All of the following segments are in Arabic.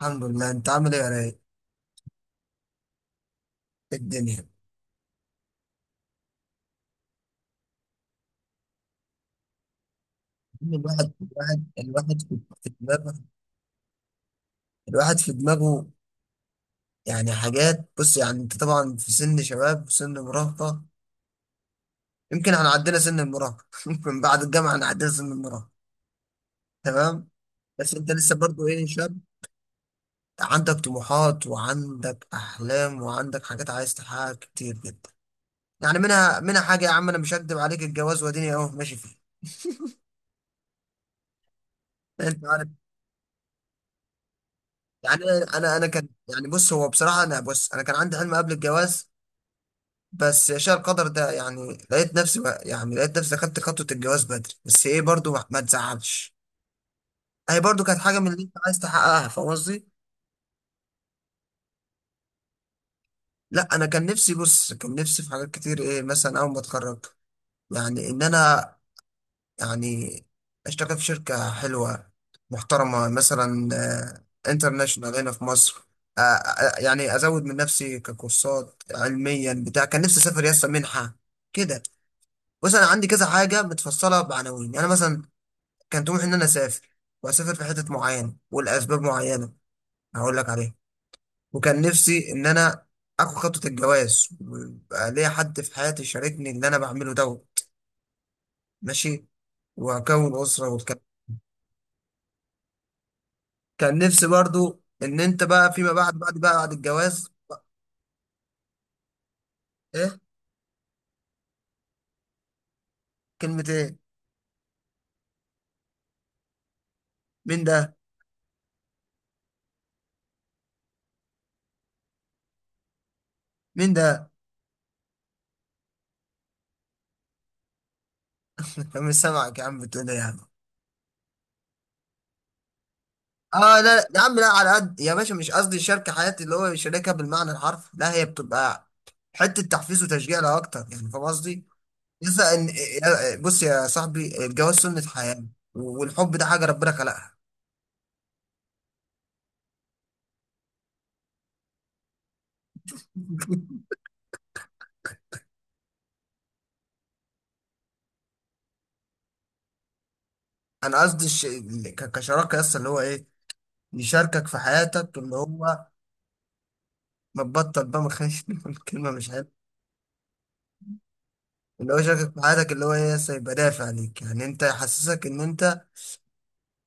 الحمد لله. انت عامل ايه يا رايق؟ إيه الدنيا؟ الواحد في دماغه. الواحد في دماغه. يعني حاجات، بص، يعني انت طبعا في سن شباب وسن مراهقة. يمكن احنا عدينا سن المراهقة. ممكن بعد الجامعة احنا عدينا سن المراهقة. تمام. بس انت لسه برضو ايه شاب. عندك طموحات وعندك احلام وعندك حاجات عايز تحققها كتير جدا. يعني منها حاجة، يا عم انا مش هكدب عليك، الجواز واديني اهو ماشي فيه. انت عارف، يعني انا انا أنا كان يعني، بص هو بصراحه انا، بص، انا كان عندي حلم قبل الجواز. بس يا شاء القدر ده، يعني لقيت نفسي بقى، يعني لقيت نفسي خدت خطوه الجواز بدري. بس ايه برضو، ما تزعلش، هي برضو كانت حاجه من اللي انت عايز تحققها، فاهم قصدي؟ لا، انا كان نفسي، بص كان نفسي في حاجات كتير. ايه مثلا؟ اول ما اتخرج يعني، ان انا يعني اشتغل في شركة حلوة محترمة مثلا انترناشونال هنا في مصر. يعني ازود من نفسي ككورسات علميا بتاع. كان نفسي اسافر يسطا منحة كده. بص انا عندي كذا حاجة متفصلة بعناوين، يعني مثلا كان طموحي ان انا اسافر، واسافر في حتة معينة ولاسباب معينة هقول لك عليها. وكان نفسي ان انا اخد خطوة الجواز ويبقى ليا حد في حياتي يشاركني اللي انا بعمله دوت. ماشي، واكون اسرة والكلام. كان نفسي برضو ان انت بقى فيما بعد بقى بعد الجواز. ايه؟ كلمة ايه؟ مين ده؟ مين ده؟ مش سامعك يا عم، بتقول ايه يا عم؟ اه لا لا، يا عم لا، على قد، يا باشا مش قصدي شركة حياتي اللي هو شريكها بالمعنى الحرفي، لا هي بتبقى حتة تحفيز وتشجيع لا اكتر، يعني فاهم قصدي؟ لسه ان إيه، بص يا صاحبي، الجواز سنة حياة والحب ده حاجة ربنا خلقها. انا قصدي كشراكة لسه، اللي هو ايه، يشاركك في حياتك، اللي هو ما تبطل بقى، ما خليش الكلمة مش حلوة. اللي هو شاكك في حياتك، اللي هو ايه لسه يبقى دافع عليك، يعني انت يحسسك ان انت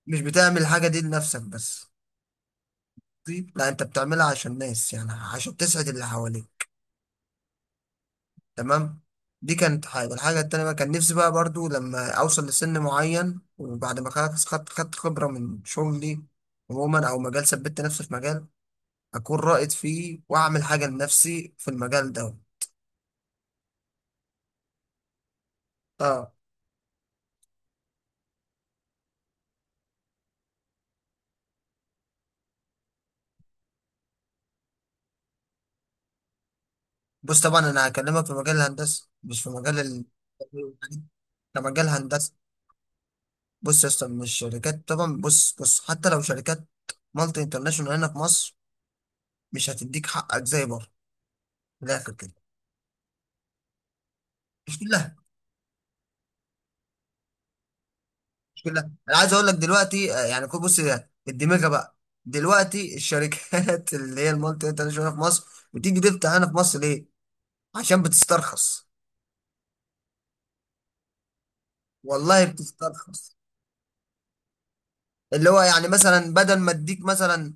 مش بتعمل الحاجه دي لنفسك بس. طيب لا، انت بتعملها عشان الناس، يعني عشان تسعد اللي حواليك. تمام. دي كانت حاجه. الحاجه التانيه بقى، كان نفسي بقى برضو لما اوصل لسن معين، وبعد ما خلاص خدت خبره من شغلي عموما، او مجال ثبت نفسي في مجال اكون رائد فيه، واعمل حاجه لنفسي في المجال ده. اه، بص طبعا انا هكلمك في مجال الهندسه مش في مجال يعني كمجال هندسه. بص يا اسطى، من الشركات طبعا، بص حتى لو شركات مالتي انترناشونال هنا في مصر مش هتديك حقك زي بره، من الاخر كده. مش كلها. مش كلها، انا عايز اقول لك دلوقتي، يعني الدماغه بقى دلوقتي، الشركات اللي هي المالتي انترناشونال في مصر، بتيجي تفتح هنا في مصر ليه؟ عشان بتسترخص. والله بتسترخص. اللي هو يعني مثلا بدل ما اديك مثلا،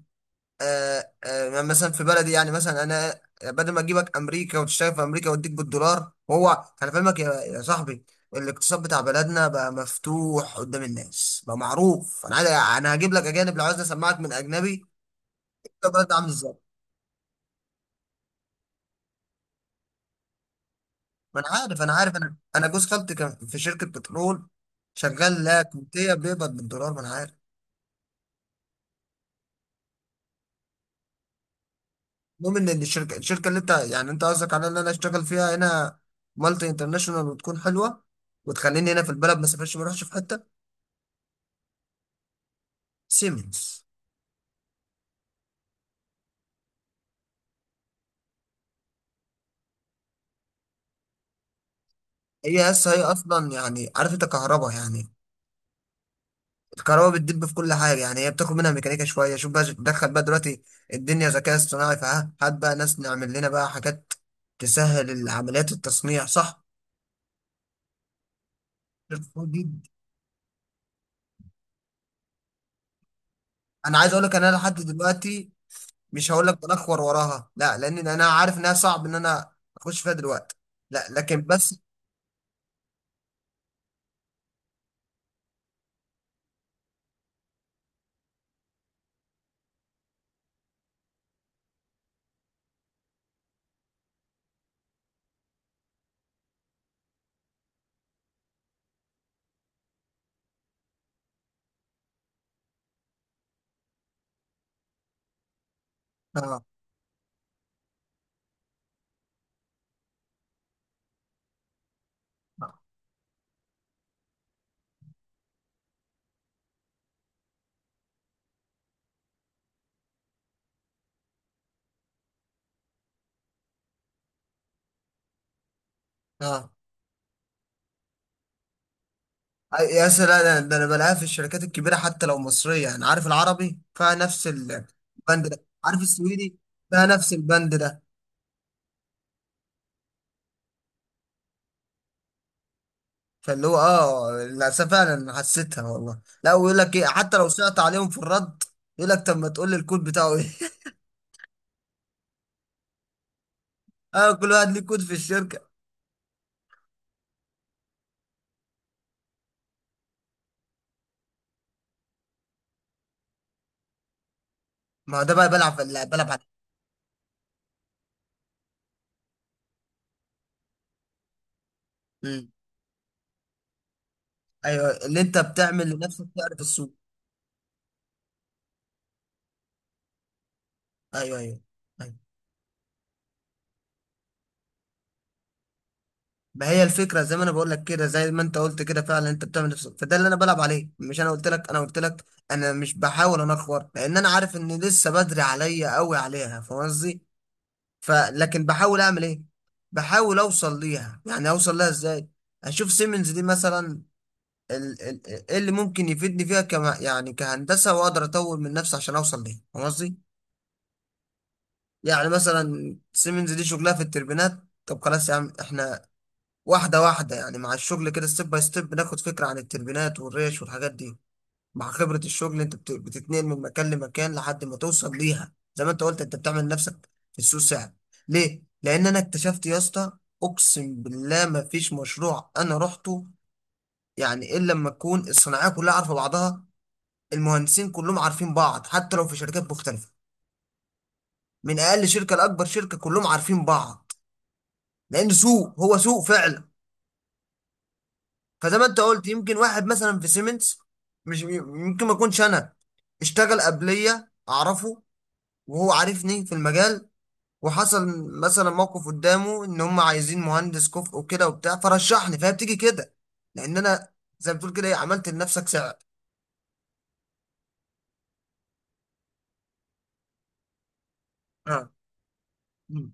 مثلا في بلدي، يعني مثلا انا بدل ما اجيبك امريكا وتشتغل في امريكا واديك بالدولار، وهو انا فاهمك يا صاحبي. الاقتصاد بتاع بلدنا بقى مفتوح قدام الناس بقى معروف. انا عايز، انا هجيب لك اجانب لو عايز اسمعك من اجنبي ده بلد عامل ازاي. ما انا عارف انا جوز خالتي كان في شركه بترول شغال لا كويتيه، بيقبض بالدولار، ما انا عارف. المهم ان الشركه اللي انت يعني، انت قصدك على ان انا اشتغل فيها هنا مالتي انترناشونال وتكون حلوه، وتخليني هنا في البلد ما اسافرش ما اروحش في حته. سيمنز. هي هسه، هي اصلا يعني عارف انت كهرباء يعني. الكهرباء بتدب في كل حاجه، يعني هي بتاخد منها ميكانيكا شويه. شوف بقى دخل بقى دلوقتي الدنيا ذكاء اصطناعي، فها هات بقى ناس نعمل لنا بقى حاجات تسهل عمليات التصنيع، صح؟ دي- انا عايز اقول لك ان انا لحد دلوقتي مش هقول لك بنخور وراها، لا، لان انا عارف انها صعب ان انا اخش فيها دلوقتي، لا، لكن بس. اه، اه. يا سلام. ده انا بلاقيها في الشركات الكبيره حتى لو مصريه. يعني عارف العربي فيها نفس البند ده، عارف السويدي فيها نفس البند ده. فاللي هو للاسف فعلا حسيتها والله. لا، ويقول لك ايه؟ حتى لو سقط عليهم في الرد يقول لك طب ما تقول لي الكود بتاعه ايه. اه، كل واحد ليه كود في الشركه. ما هو ده بقى، بلعب مم. ايوه، اللي انت بتعمل لنفسك تعرف السوق. ايوه، ايوه. أيوة. ما هي الفكره، زي ما انا بقول لك كده، زي ما انت قلت كده فعلا، انت بتعمل نفسك، فده اللي انا بلعب عليه. مش انا قلت لك، انا مش بحاول انخور لان انا عارف ان لسه بدري عليا قوي عليها، فاهم قصدي؟ فلكن بحاول اعمل ايه؟ بحاول اوصل ليها، يعني اوصل لها ازاي؟ اشوف سيمنز دي مثلا، ال- ال- ايه اللي ممكن يفيدني فيها كما يعني كهندسه، واقدر اطور من نفسي عشان اوصل ليها، فاهم قصدي؟ يعني مثلا سيمنز دي شغلها في التربينات. طب خلاص يا عم، احنا واحدة واحدة يعني مع الشغل كده، ستيب باي ستيب، بناخد فكرة عن التربينات والريش والحاجات دي. مع خبرة الشغل انت بتتنقل من مكان لمكان لحد ما توصل ليها، زي ما انت قلت انت بتعمل نفسك في السوق ساعة. ليه؟ لأن أنا اكتشفت يا اسطى، أقسم بالله ما فيش مشروع أنا رحته، يعني إلا لما تكون الصناعية كلها عارفة بعضها. المهندسين كلهم عارفين بعض حتى لو في شركات مختلفة، من أقل شركة لأكبر شركة كلهم عارفين بعض، لأن سوق هو سوق فعلا. فزي ما انت قلت، يمكن واحد مثلا في سيمنز، مش يمكن ما يكونش انا اشتغل قبليه اعرفه، وهو عارفني في المجال، وحصل مثلا موقف قدامه ان هم عايزين مهندس كفء وكده وبتاع فرشحني، فهي بتيجي كده، لان انا زي ما بتقول كده، عملت لنفسك سعر. اه. مم.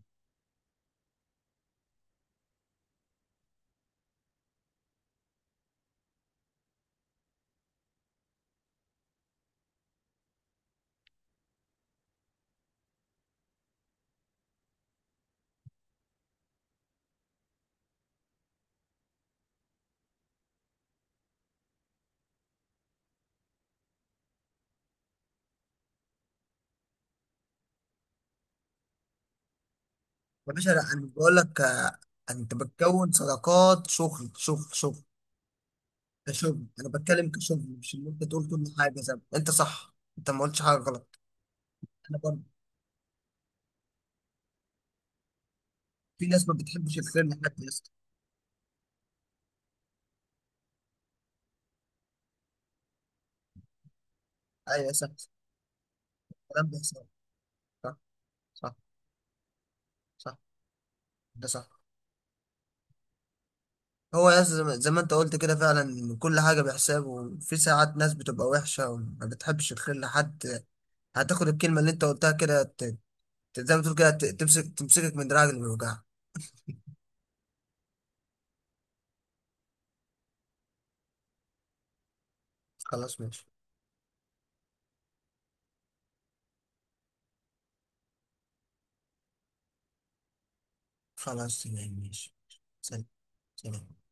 يا باشا لا، انا بقول لك، انت بتكون صداقات شغل شغل شغل، كشغل انا بتكلم كشغل، مش ان انت تقول كل حاجه زي ما- انت صح، انت ما قلتش حاجه غلط. انا برضه في ناس ما بتحبش الفيلم حتى يا اسطى. ايوه صح. الكلام بيحصل. صح، صح، صح. ده صح. هو يا اسطى، زي ما انت قلت كده فعلا، كل حاجه بحساب، وفي ساعات ناس بتبقى وحشه وما بتحبش الخير لحد. هتاخد الكلمه اللي انت قلتها كده، زي ما تقول كده، تمسكك من دراعك اللي بيوجعك. خلاص ماشي. خلاص تمام ماشي. سلام. سلام.